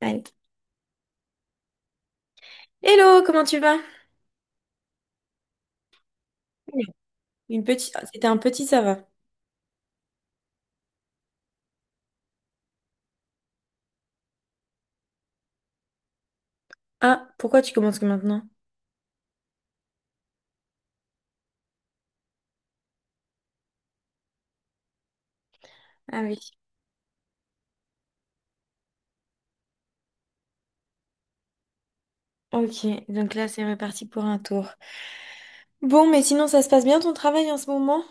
Allez. Hello, comment tu vas? Bien. C'était un petit ça va. Ah, pourquoi tu commences que maintenant? Ah oui. Ok, donc là c'est reparti pour un tour. Bon, mais sinon ça se passe bien ton travail en ce moment?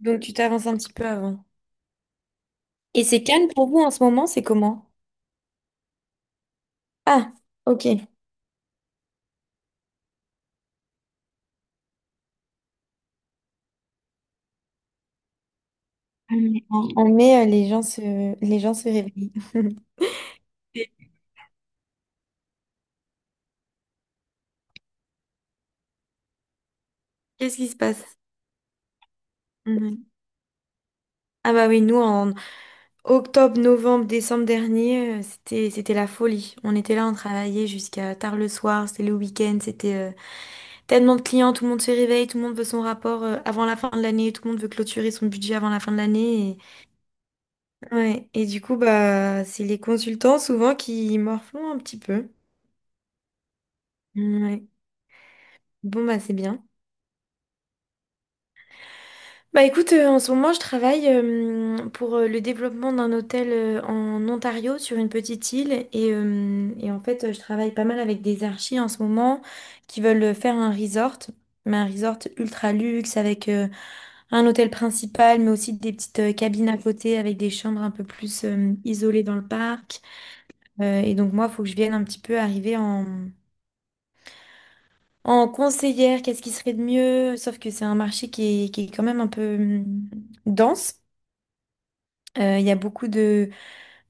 Donc tu t'avances un petit peu avant. Et c'est calme pour vous en ce moment, c'est comment? Ah, ok. On met les gens se réveillent. Qu'est-ce qui se passe? Mhm. Ah bah oui, nous, octobre, novembre, décembre dernier, c'était la folie. On était là, on travaillait jusqu'à tard le soir, c'était le week-end, c'était tellement de clients, tout le monde se réveille, tout le monde veut son rapport avant la fin de l'année, tout le monde veut clôturer son budget avant la fin de l'année. Et, ouais. Et du coup, bah, c'est les consultants souvent qui morflent un petit peu. Ouais. Bon, bah, c'est bien. Bah écoute, en ce moment, je travaille pour le développement d'un hôtel en Ontario sur une petite île et en fait, je travaille pas mal avec des archis en ce moment qui veulent faire un resort, mais un resort ultra luxe avec un hôtel principal, mais aussi des petites cabines à côté avec des chambres un peu plus isolées dans le parc. Et donc moi, il faut que je vienne un petit peu arriver en conseillère, qu'est-ce qui serait de mieux, sauf que c'est un marché qui est quand même un peu dense. Il y a beaucoup de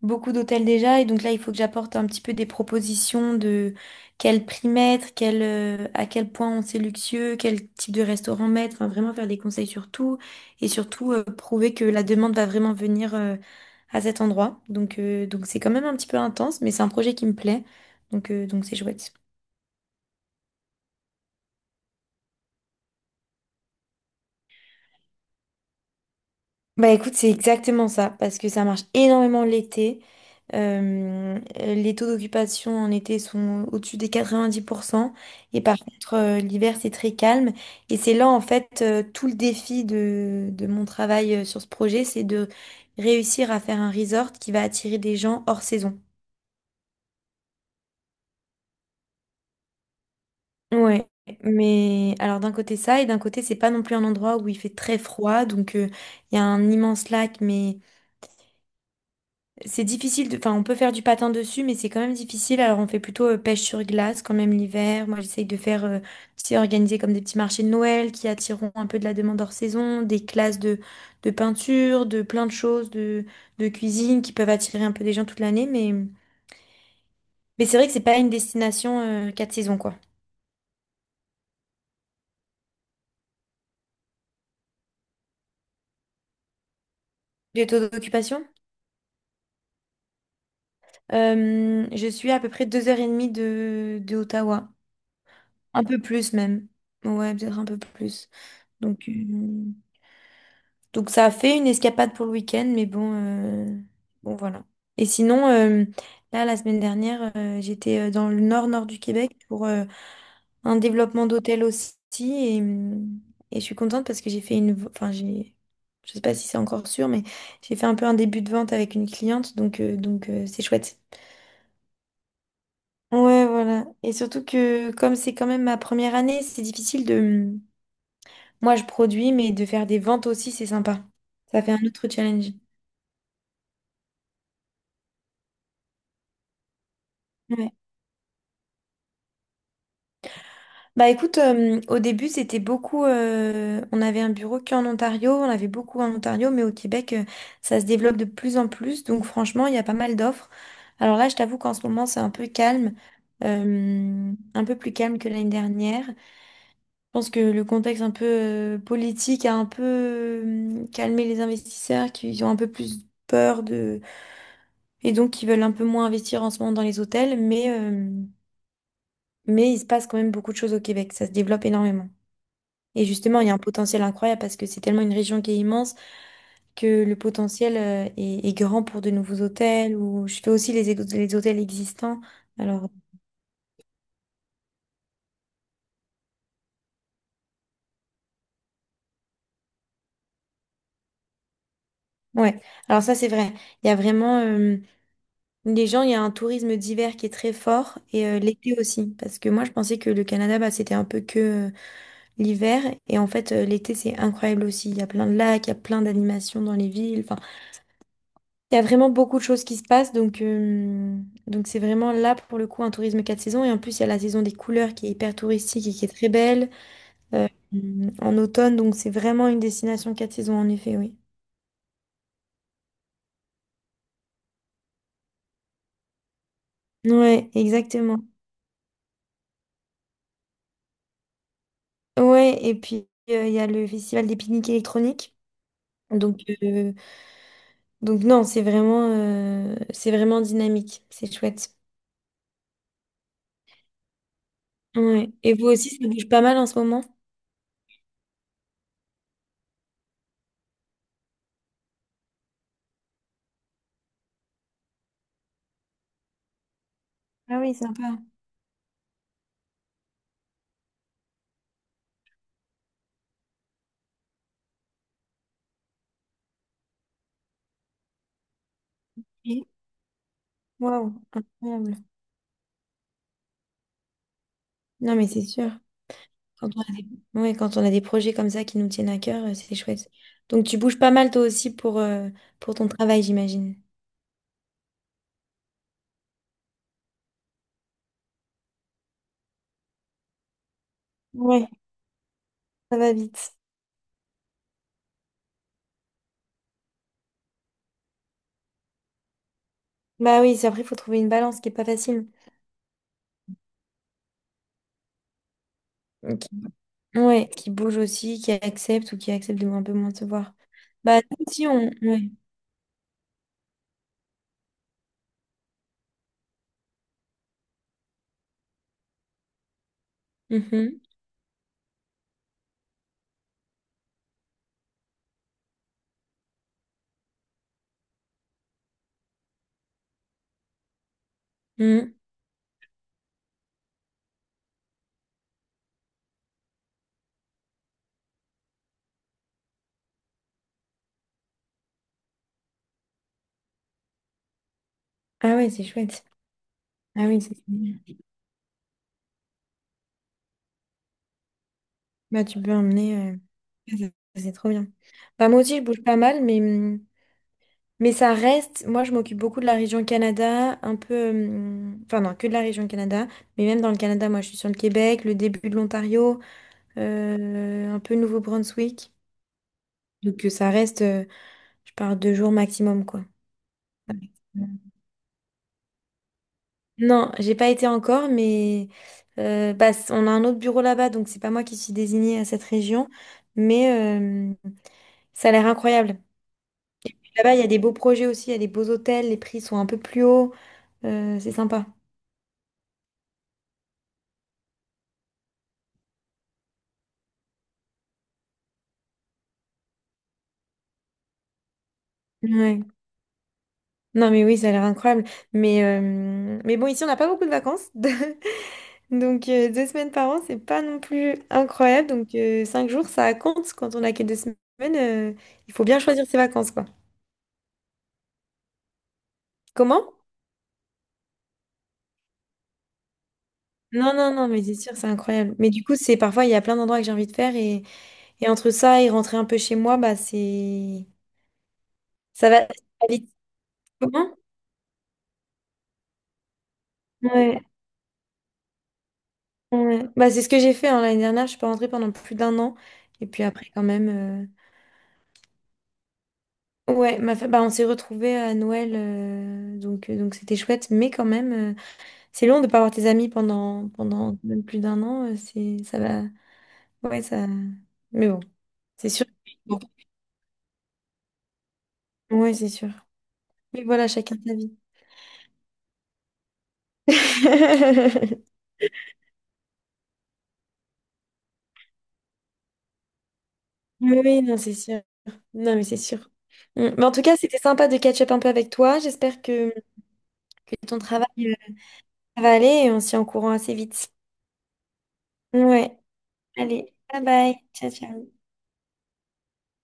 beaucoup d'hôtels déjà et donc là il faut que j'apporte un petit peu des propositions de quel prix mettre, à quel point on c'est luxueux, quel type de restaurant mettre, enfin vraiment faire des conseils sur tout et surtout prouver que la demande va vraiment venir à cet endroit. Donc c'est quand même un petit peu intense mais c'est un projet qui me plaît donc c'est chouette. Bah écoute, c'est exactement ça, parce que ça marche énormément l'été. Les taux d'occupation en été sont au-dessus des 90% et par contre, l'hiver, c'est très calme. Et c'est là, en fait, tout le défi de mon travail sur ce projet, c'est de réussir à faire un resort qui va attirer des gens hors saison. Ouais, mais alors d'un côté ça, et d'un côté c'est pas non plus un endroit où il fait très froid, donc il y a un immense lac, mais c'est difficile de... Enfin, on peut faire du patin dessus, mais c'est quand même difficile. Alors, on fait plutôt pêche sur glace quand même l'hiver. Moi, j'essaye de faire. C'est organisé comme des petits marchés de Noël qui attireront un peu de la demande hors saison, des classes de peinture, de plein de choses, de cuisine qui peuvent attirer un peu des gens toute l'année. Mais c'est vrai que c'est pas une destination quatre saisons, quoi. Les taux d'occupation? Je suis à peu près 2 h 30 de Ottawa. Un peu plus même. Ouais, peut-être un peu plus. Donc... euh, Donc ça a fait une escapade pour le week-end, mais bon, bon voilà. Et sinon, là, la semaine dernière, j'étais dans le nord-nord du Québec pour un développement d'hôtel aussi. Et, hum, et je suis contente parce que j'ai fait Enfin, je sais pas si c'est encore sûr, mais j'ai fait un peu un début de vente avec une cliente, donc c'est chouette. Ouais, voilà. Et surtout que comme c'est quand même ma première année, c'est difficile de... Moi, je produis, mais de faire des ventes aussi, c'est sympa. Ça fait un autre challenge. Ouais. Bah écoute, au début c'était beaucoup, on avait un bureau qu'en Ontario, on avait beaucoup en Ontario, mais au Québec ça se développe de plus en plus, donc franchement il y a pas mal d'offres. Alors là je t'avoue qu'en ce moment c'est un peu calme, un peu plus calme que l'année dernière. Je pense que le contexte un peu politique a un peu calmé les investisseurs qui ont un peu plus peur de... et donc qui veulent un peu moins investir en ce moment dans les hôtels, mais il se passe quand même beaucoup de choses au Québec, ça se développe énormément. Et justement, il y a un potentiel incroyable parce que c'est tellement une région qui est immense que le potentiel est grand pour de nouveaux hôtels ou je fais aussi les hôtels existants. Alors, ouais, alors ça c'est vrai. Il y a vraiment il y a un tourisme d'hiver qui est très fort et l'été aussi. Parce que moi je pensais que le Canada, bah, c'était un peu que euh, l'hiver et en fait l'été c'est incroyable aussi. Il y a plein de lacs, il y a plein d'animations dans les villes. Enfin, il y a vraiment beaucoup de choses qui se passent, donc c'est vraiment là pour le coup un tourisme quatre saisons. Et en plus, il y a la saison des couleurs qui est hyper touristique et qui est très belle euh, en automne, donc c'est vraiment une destination quatre saisons en effet, oui. Ouais, exactement. Ouais, et puis il y a le festival des pique-niques électroniques. Donc euh, donc non, c'est vraiment dynamique, c'est chouette. Ouais. Et vous aussi, ça bouge pas mal en ce moment? Ah oui, sympa. Oui. Waouh, incroyable. Non mais c'est sûr. Quand on a des, Ouais, quand on a des projets comme ça qui nous tiennent à cœur, c'est chouette. Donc tu bouges pas mal toi aussi pour ton travail, j'imagine. Ouais, ça va vite. Bah oui, c'est après, il faut trouver une balance qui est pas facile. Ok. Ouais, qui bouge aussi, qui accepte ou qui accepte de un peu moins se voir. Bah nous aussi, on... Ouais. Mhm. Mhm. Ah ouais, c'est chouette. Ah oui, c'est trop bien. Bah tu peux emmener, c'est trop bien. Bah moi aussi, je bouge pas mal, mais ça reste, moi je m'occupe beaucoup de la région Canada, un peu, enfin non, que de la région Canada, mais même dans le Canada, moi je suis sur le Québec, le début de l'Ontario, un peu Nouveau-Brunswick. Donc euh, ça reste, euh, je parle 2 jours maximum, quoi. Non, j'ai pas été encore, mais on a un autre bureau là-bas, donc c'est pas moi qui suis désignée à cette région, mais euh, ça a l'air incroyable. Puis là-bas, il y a des beaux projets aussi, il y a des beaux hôtels, les prix sont un peu plus hauts, c'est sympa. Ouais. Non, mais oui, ça a l'air incroyable. Mais bon, ici, on n'a pas beaucoup de vacances. Donc, 2 semaines par an, c'est pas non plus incroyable. Donc, 5 jours, ça compte. Quand on a que 2 semaines, euh, il faut bien choisir ses vacances, quoi. Comment? Non, non, non, mais c'est sûr, c'est incroyable. Mais du coup, c'est parfois, il y a plein d'endroits que j'ai envie de faire. Et entre ça et rentrer un peu chez moi, bah, c'est. Ça va vite. Comment? Ouais, ouais. Bah, c'est ce que j'ai fait hein, l'année dernière. Je suis pas rentrée pendant plus d'un an. Et puis après, quand même. Ouais, on s'est retrouvés à Noël, donc c'était chouette, mais quand même, c'est long de pas voir tes amis pendant même plus d'un an. C'est ça va, ouais ça, mais bon, c'est sûr. Bon. Ouais, c'est sûr. Mais voilà, chacun sa vie. Oui, oui, non, c'est sûr. Non, mais c'est sûr. Mm. Mais en tout cas, c'était sympa de catch-up un peu avec toi. J'espère que ton travail va aller et on s'y en courant assez vite. Ouais, allez, bye bye, ciao ciao.